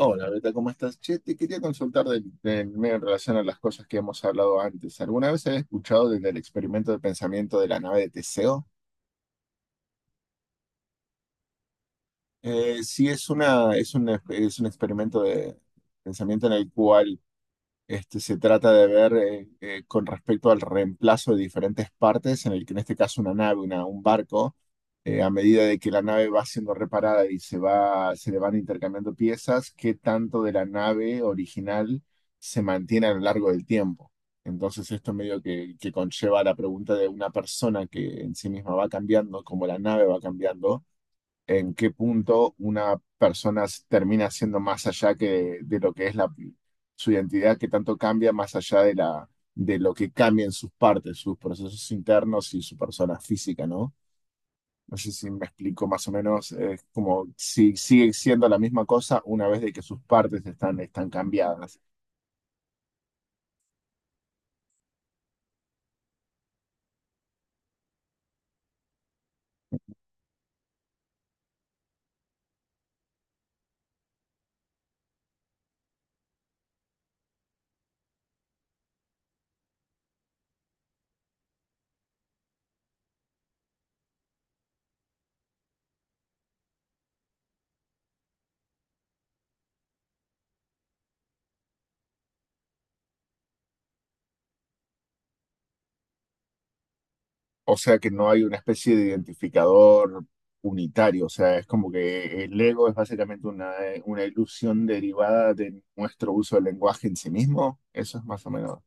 Hola, Beta, ¿cómo estás? Che, te quería consultar del medio en relación a las cosas que hemos hablado antes. ¿Alguna vez has escuchado del experimento de pensamiento de la nave de Teseo? Sí, es un experimento de pensamiento en el cual se trata de ver con respecto al reemplazo de diferentes partes, en el que en este caso un barco, a medida de que la nave va siendo reparada y se le van intercambiando piezas, qué tanto de la nave original se mantiene a lo largo del tiempo. Entonces esto medio que conlleva la pregunta de una persona que en sí misma va cambiando, como la nave va cambiando, en qué punto termina siendo más allá lo que es su identidad, que tanto cambia más allá de lo que cambian sus partes, sus procesos internos y su persona física, ¿no? No sé si me explico más o menos, es como si sigue siendo la misma cosa una vez de que sus partes están cambiadas. O sea que no hay una especie de identificador unitario, o sea, es como que el ego es básicamente una ilusión derivada de nuestro uso del lenguaje en sí mismo, eso es más o menos.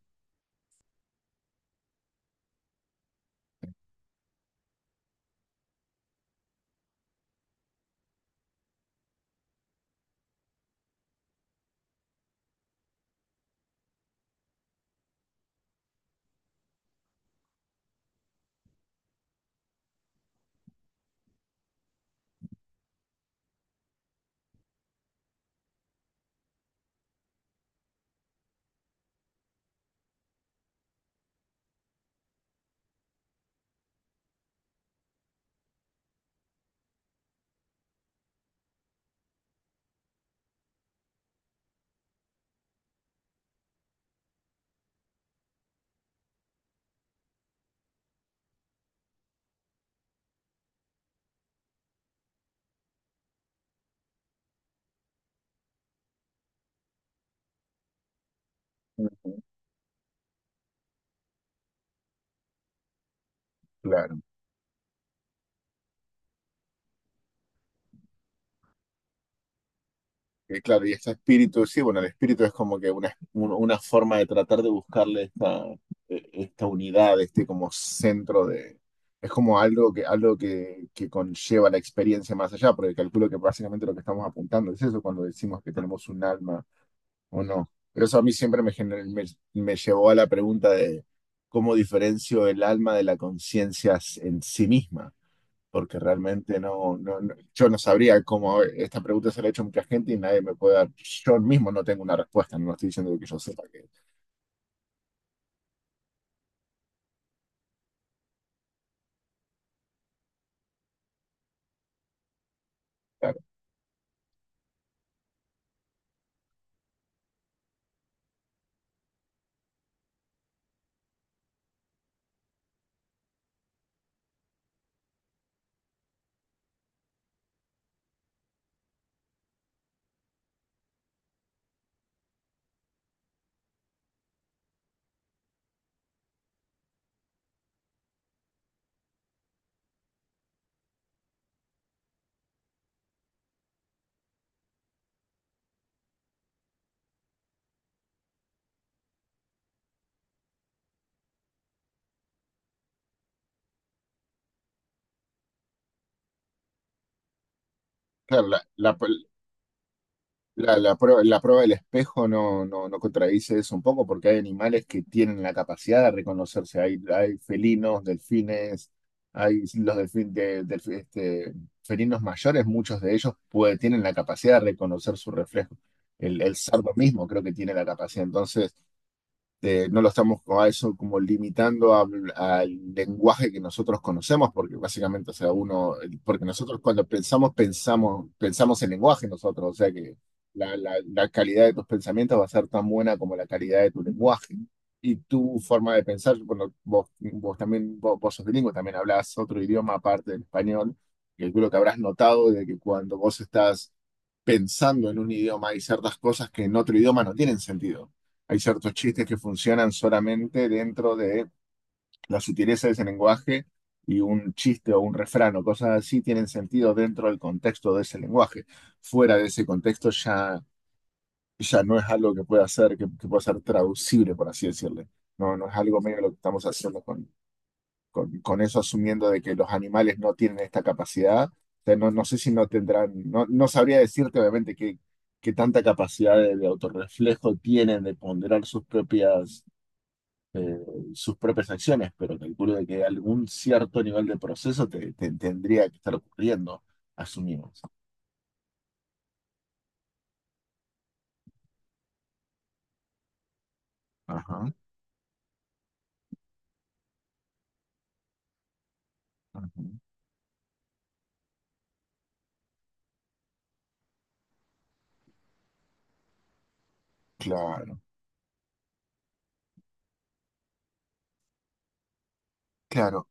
Ujú. Claro. Claro, y este espíritu, sí, bueno, el espíritu es como que una forma de tratar de buscarle esta unidad, este como centro de... Es como algo que conlleva la experiencia más allá, porque calculo que básicamente lo que estamos apuntando es eso cuando decimos que tenemos un alma o no. Pero eso a mí siempre me llevó a la pregunta de cómo diferencio el alma de la conciencia en sí misma, porque realmente yo no sabría cómo, esta pregunta se la ha hecho mucha gente y nadie me puede dar, yo mismo no tengo una respuesta, no estoy diciendo que yo sepa que, claro, claro, la, la prueba del espejo, no contradice eso un poco, porque hay animales que tienen la capacidad de reconocerse. Hay felinos, delfines, hay los este, felinos mayores, muchos de ellos tienen la capacidad de reconocer su reflejo. El cerdo mismo creo que tiene la capacidad. Entonces, no lo estamos a eso como limitando al lenguaje que nosotros conocemos, porque básicamente, o sea, uno, porque nosotros cuando pensamos en lenguaje nosotros, o sea que la calidad de tus pensamientos va a ser tan buena como la calidad de tu lenguaje. Y tu forma de pensar, bueno, vos sos bilingüe, también hablás otro idioma aparte del español, que creo que habrás notado de que cuando vos estás pensando en un idioma hay ciertas cosas que en otro idioma no tienen sentido. Hay ciertos chistes que funcionan solamente dentro de la sutileza de ese lenguaje, y un chiste o un refrán o cosas así tienen sentido dentro del contexto de ese lenguaje. Fuera de ese contexto ya, ya no es algo que que pueda ser traducible, por así decirle. No, no es algo medio lo que estamos haciendo con eso, asumiendo de que los animales no tienen esta capacidad. O sea, no, no sé si no tendrán, no, no sabría decirte obviamente qué tanta capacidad de autorreflejo tienen de ponderar eh, sus propias acciones, pero calculo de que algún cierto nivel de proceso te tendría que estar ocurriendo, asumimos. Ajá, ajá. Claro, claro.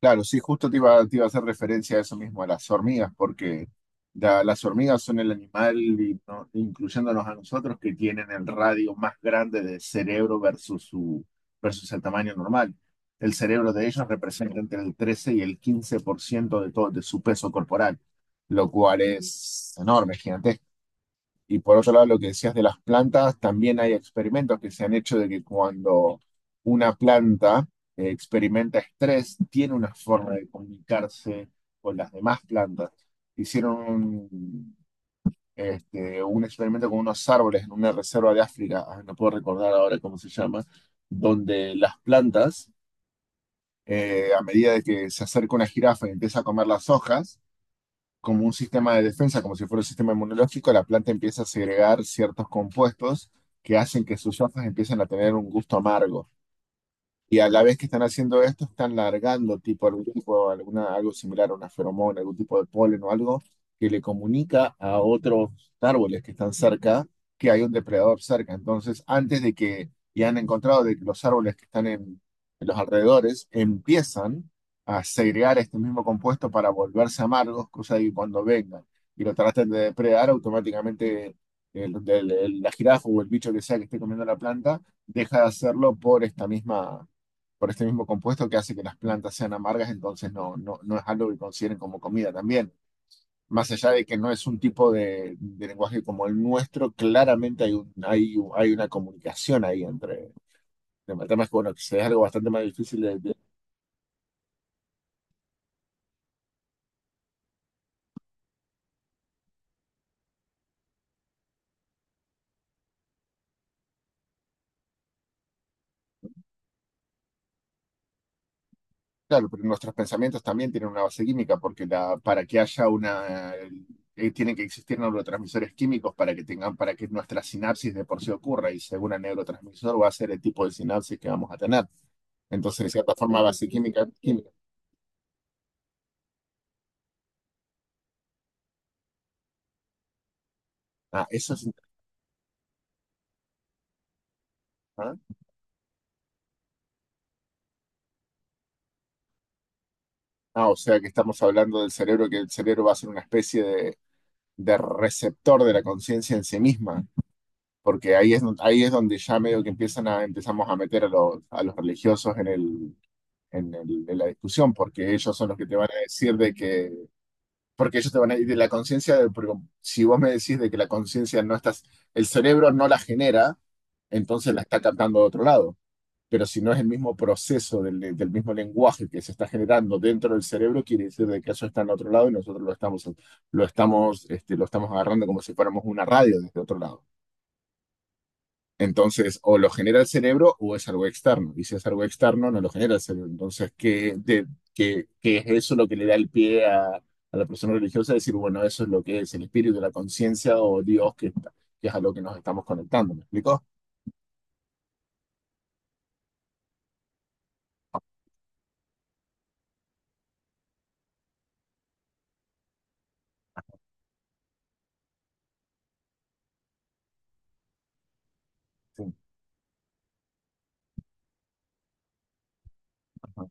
Claro, sí, justo te iba a hacer referencia a eso mismo, a las hormigas, porque las hormigas son el animal, y incluyéndonos a nosotros, que tienen el radio más grande del cerebro versus el tamaño normal. El cerebro de ellos representa entre el 13 y el 15% de todo, de su peso corporal, lo cual es enorme, y por otro lado, lo que decías de las plantas, también hay experimentos que se han hecho de que cuando una planta experimenta estrés, tiene una forma de comunicarse con las demás plantas. Hicieron un experimento con unos árboles en una reserva de África, ah, no puedo recordar ahora cómo se llama, donde las plantas, a medida de que se acerca una jirafa y empieza a comer las hojas, como un sistema de defensa, como si fuera un sistema inmunológico, la planta empieza a segregar ciertos compuestos que hacen que sus hojas empiecen a tener un gusto amargo. Y a la vez que están haciendo esto, están largando tipo algún tipo, alguna, algo similar a una feromona, algún tipo de polen o algo que le comunica a otros árboles que están cerca, que hay un depredador cerca. Entonces, y han encontrado de que los árboles que están en los alrededores empiezan a segregar este mismo compuesto para volverse amargos, cosa de que cuando vengan y lo traten de depredar, automáticamente la jirafa o el bicho que sea que esté comiendo la planta deja de hacerlo por esta misma, por este mismo compuesto que hace que las plantas sean amargas, entonces no es algo que consideren como comida también. Más allá de que no es un tipo de lenguaje como el nuestro, claramente hay, hay una comunicación ahí entre... El tema es que, bueno, que sea algo bastante más difícil de- claro, pero nuestros pensamientos también tienen una base química, porque para que haya una... tienen que existir neurotransmisores químicos para que tengan, para que nuestra sinapsis de por sí ocurra, y según el neurotransmisor va a ser el tipo de sinapsis que vamos a tener. Entonces, de cierta forma, base química. Ah, eso es... Ah. Ah, o sea que estamos hablando del cerebro, que el cerebro va a ser una especie de receptor de la conciencia en sí misma, porque ahí ahí es donde ya medio que empezamos a meter a a los religiosos en en la discusión, porque ellos son los que te van a decir de que, porque ellos te van a decir de la conciencia, de- porque si vos me decís de que la conciencia no estás, el cerebro no la genera, entonces la está captando de otro lado. Pero si no es el mismo proceso del mismo lenguaje que se está generando dentro del cerebro, quiere decir de que eso está en otro lado y nosotros lo estamos, lo estamos agarrando como si fuéramos una radio desde otro lado. Entonces, o lo genera el cerebro o es algo externo. Y si es algo externo, no lo genera el cerebro. Entonces, ¿qué, qué es eso lo que le da el pie a la persona religiosa? Decir, bueno, eso es lo que es el espíritu, la conciencia o Dios, que es a lo que nos estamos conectando. ¿Me explico? Sí. Ajá.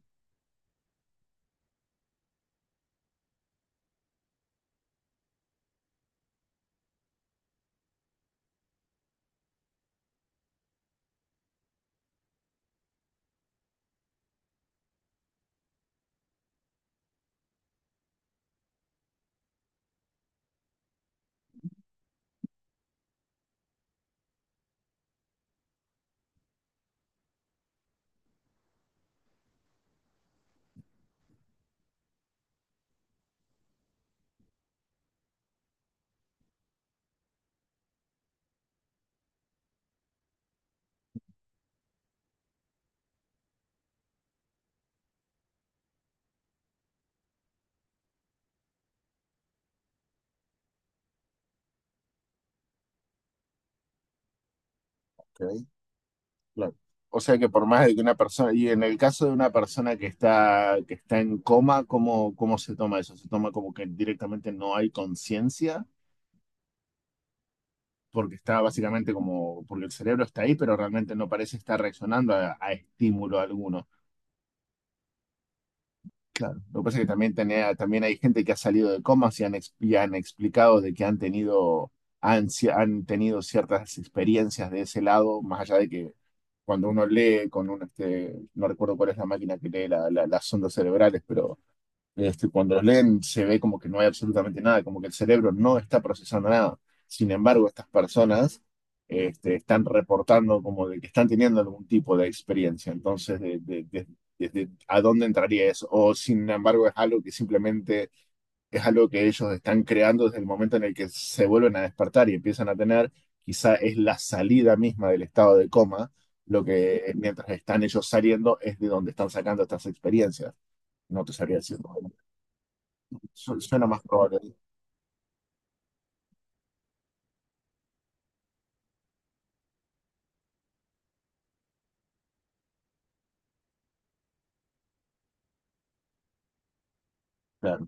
Okay. Claro. O sea que por más de que una persona, y en el caso de una persona que que está en coma, ¿cómo se toma eso? ¿Se toma como que directamente no hay conciencia? Porque está básicamente como, porque el cerebro está ahí, pero realmente no parece estar reaccionando a estímulo alguno. Claro, lo que pasa es que también, también hay gente que ha salido de comas y y han explicado de que han tenido, ansia han tenido ciertas experiencias de ese lado, más allá de que cuando uno lee con un no recuerdo cuál es la máquina que lee las ondas cerebrales, cuando los leen se ve como que no hay absolutamente nada, como que el cerebro no está procesando nada. Sin embargo, estas personas están reportando como de que están teniendo algún tipo de experiencia. Entonces, desde a dónde entraría eso. O sin embargo, es algo que simplemente es algo que ellos están creando desde el momento en el que se vuelven a despertar y empiezan a tener, quizá es la salida misma del estado de coma. Lo que mientras están ellos saliendo es de donde están sacando estas experiencias. No te sabría decir. Suena más probable, claro,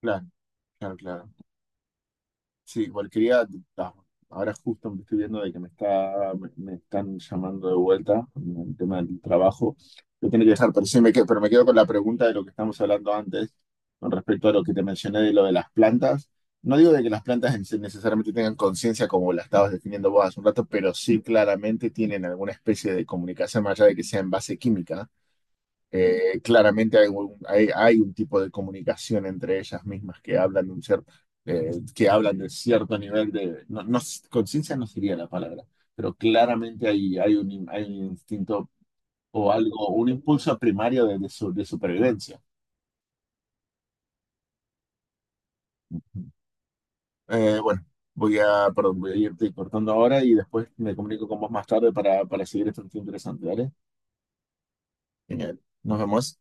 claro, claro, claro. Sí, cualquiera, ah, ahora justo me estoy viendo de que me están llamando de vuelta en el tema del trabajo. Yo tengo que dejar, pero sí me quedo, pero me quedo con la pregunta de lo que estamos hablando antes, con respecto a lo que te mencioné de lo de las plantas. No digo de que las plantas sí necesariamente tengan conciencia como la estabas definiendo vos hace un rato, pero sí claramente tienen alguna especie de comunicación más allá de que sea en base química. Claramente hay un tipo de comunicación entre ellas mismas que hablan de un que hablan de cierto nivel de, no, no, conciencia no sería la palabra, pero claramente hay un, hay un instinto o algo, un impulso primario de supervivencia. Bueno, perdón, voy a irte cortando ahora y después me comunico con vos más tarde para seguir este tema interesante, ¿vale? Genial. Nos vemos.